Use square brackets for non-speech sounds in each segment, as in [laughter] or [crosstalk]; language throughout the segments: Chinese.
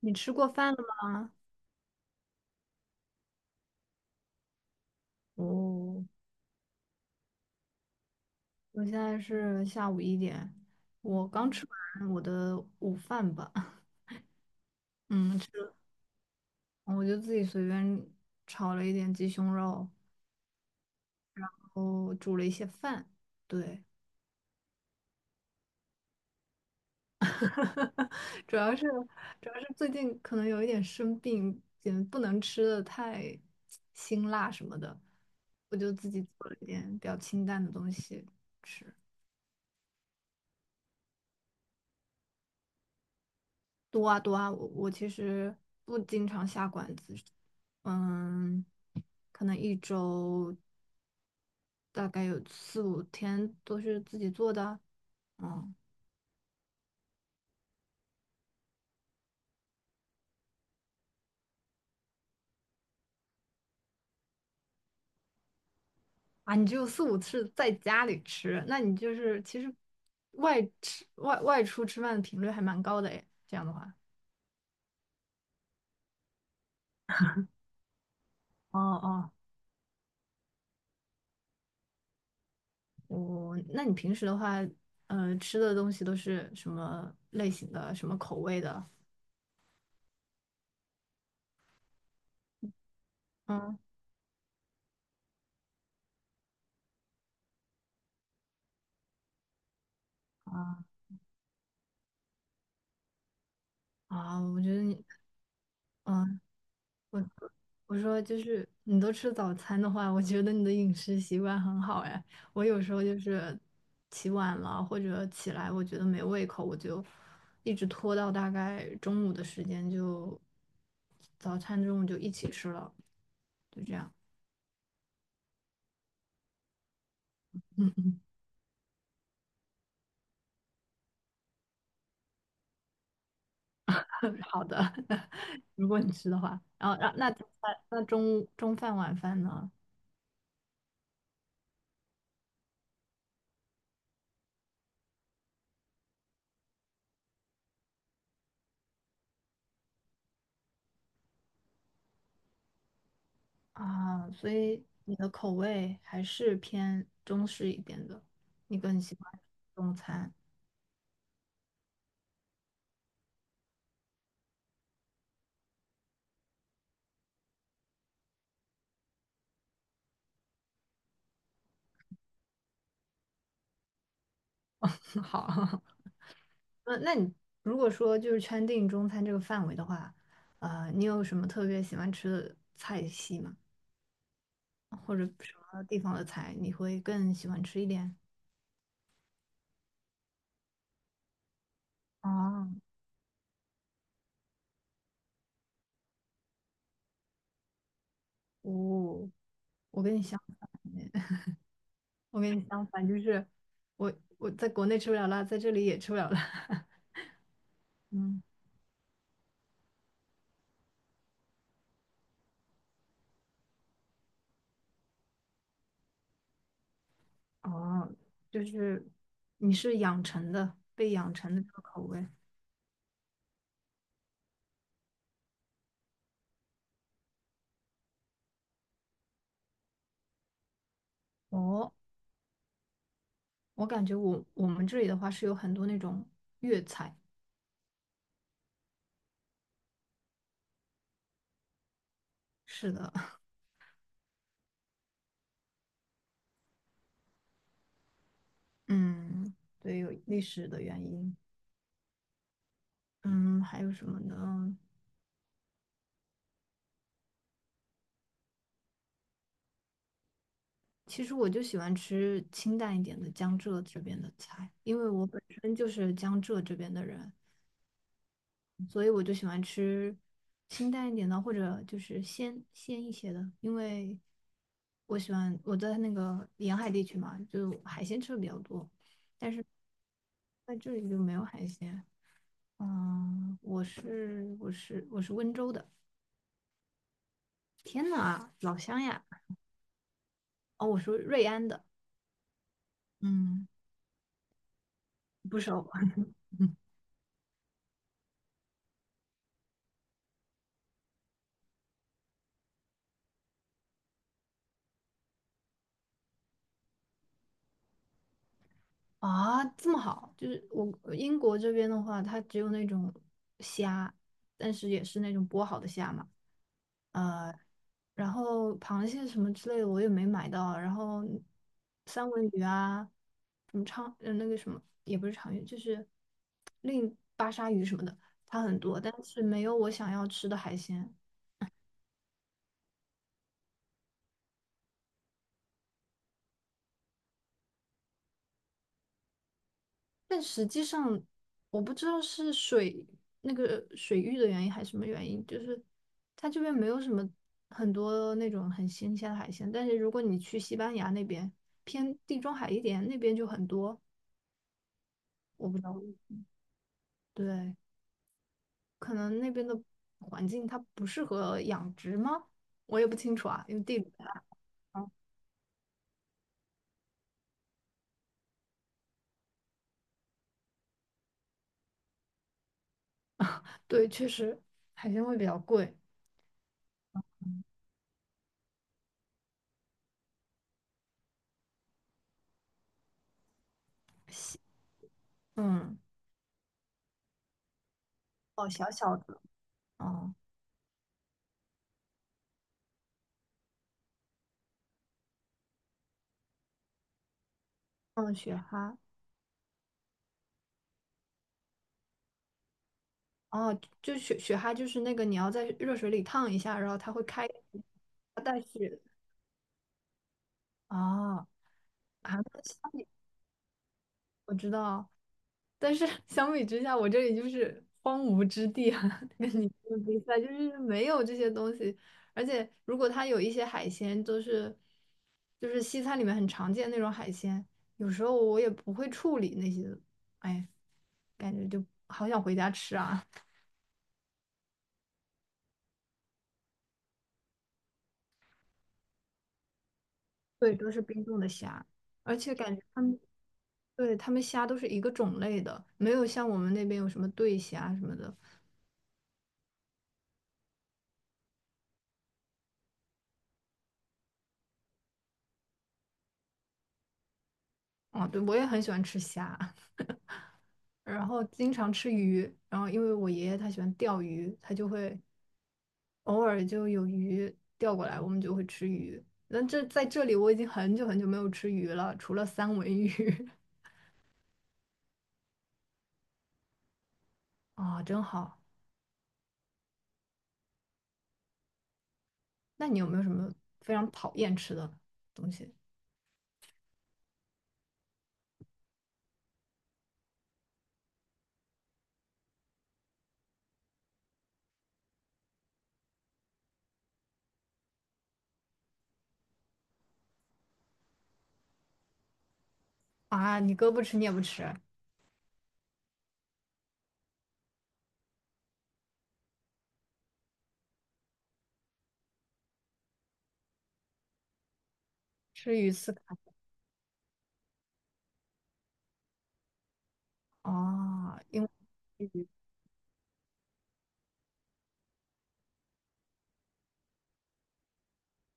你吃过饭了吗？哦，我现在是下午一点，我刚吃完我的午饭吧。[laughs] 嗯，吃了，我就自己随便炒了一点鸡胸肉，然后煮了一些饭。对，[laughs] 主要是主要是最近可能有一点生病，也不能吃的太辛辣什么的，我就自己做了一点比较清淡的东西。吃。多啊多啊，我其实不经常下馆子，嗯，可能一周大概有四五天都是自己做的，嗯啊，你只有四五次在家里吃，那你就是其实外出吃饭的频率还蛮高的诶，这样的话，哦哦，那你平时的话，呃，吃的东西都是什么类型的，什么口味的？嗯啊我觉得你，嗯。我。我说就是你都吃早餐的话，我觉得你的饮食习惯很好哎。我有时候就是起晚了或者起来，我觉得没胃口，我就一直拖到大概中午的时间就早餐中午就一起吃了，就这样。[laughs] 好的，[laughs] 如果你吃的话，然后那中午中饭晚饭呢？啊，所以你的口味还是偏中式一点的，你更喜欢中餐。[laughs] 好。那你如果说就是圈定中餐这个范围的话，呃，你有什么特别喜欢吃的菜系吗？或者什么地方的菜你会更喜欢吃一点？啊，哦，我跟你相反耶 [laughs] 我跟你相反，就是我我在国内吃不了辣，在这里也吃不了辣。[laughs] 嗯，哦，就是你是养成的，被养成的这个口味。哦，我感觉我们这里的话是有很多那种粤菜。是的。嗯，对，有历史的原因。嗯，还有什么呢？其实我就喜欢吃清淡一点的江浙这边的菜，因为我本身就是江浙这边的人，所以我就喜欢吃清淡一点的，或者就是鲜鲜一些的，因为我喜欢我在那个沿海地区嘛，就海鲜吃的比较多，在这里就没有海鲜。嗯，我是温州的，天呐，老乡呀！哦，我是瑞安的。嗯。不熟。[laughs] 啊，这么好，就是我呃英国这边的话，它只有那种虾，但是也是那种剥好的虾嘛，呃，然后螃蟹什么之类的我也没买到，然后三文鱼啊，什么长，呃，那个什么也不是长鱼，就是另巴沙鱼什么的，它很多，但是没有我想要吃的海鲜。但实际上，我不知道是那个水域的原因还是什么原因，就是它这边没有什么很多那种很新鲜的海鲜。但是如果你去西班牙那边，偏地中海一点，那边就很多。我不知道为什么，对，可能那边的环境它不适合养殖吗？我也不清楚啊，因为地理不太。好。对，确实海鲜会比较贵。嗯，哦，小小的，哦，嗯，雪蛤。哦，就雪蛤就是那个你要在热水里烫一下，然后它会开，它带血。哦，啊，那相比我知道，但是 [laughs] 相比之下，我这里就是荒芜之地啊，[laughs] 跟你这个比赛就是没有这些东西，而且如果它有一些海鲜，都是就是西餐里面很常见那种海鲜，有时候我也不会处理那些，哎，感觉就好想回家吃啊。[laughs] 对，都是冰冻的虾，而且感觉他们。对，他们虾都是一个种类的，没有像我们那边有什么对虾什么的。哦，对，我也很喜欢吃虾，[laughs] 然后经常吃鱼，然后因为我爷爷他喜欢钓鱼，他就会偶尔就有鱼钓过来，我们就会吃鱼。那这在这里我已经很久很久没有吃鱼了，除了三文鱼 [laughs] 啊，真好。那你有没有什么非常讨厌吃的东西啊？你哥不吃，你也不吃，吃鱼刺卡哦。因为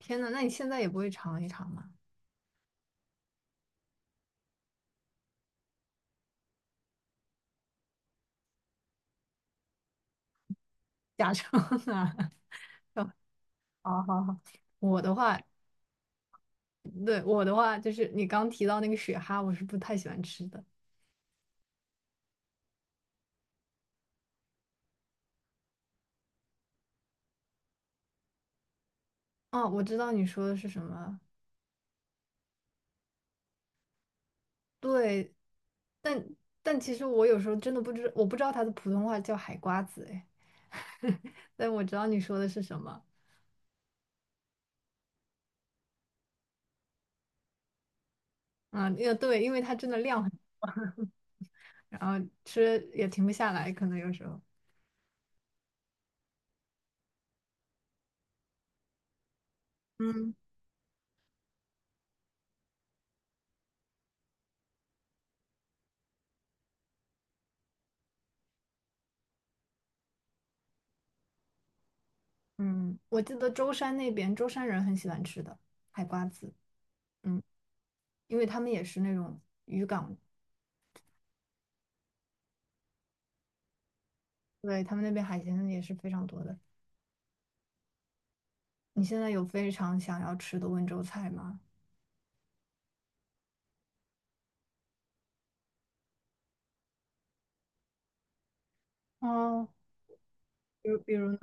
天呐，那你现在也不会尝一尝吗？假装啊，[laughs] 哦好好好，我的话，对，我的话就是你刚提到那个雪蛤，我是不太喜欢吃的。哦，我知道你说的是什么，对，但但其实我有时候真的不知，我不知道它的普通话叫海瓜子，哎，[laughs] 但我知道你说的是什么。啊，也对，因为它真的量很大，然后吃也停不下来，可能有时候。嗯嗯，我记得舟山那边舟山人很喜欢吃的海瓜子，嗯，因为他们也是那种渔港。对，他们那边海鲜也是非常多的。你现在有非常想要吃的温州菜吗？哦，比如比如呢？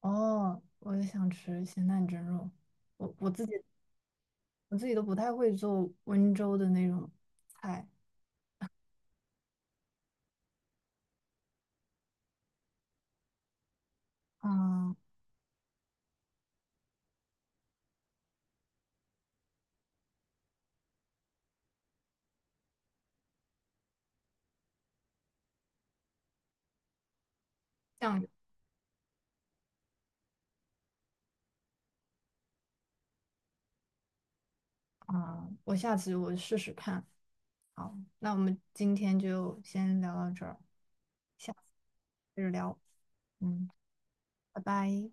哦，我也想吃咸蛋蒸肉。我我自己我自己都不太会做温州的那种菜。嗯，酱油。嗯，我下次我试试看。好，那我们今天就先聊到这儿，下次接着聊。嗯，拜拜。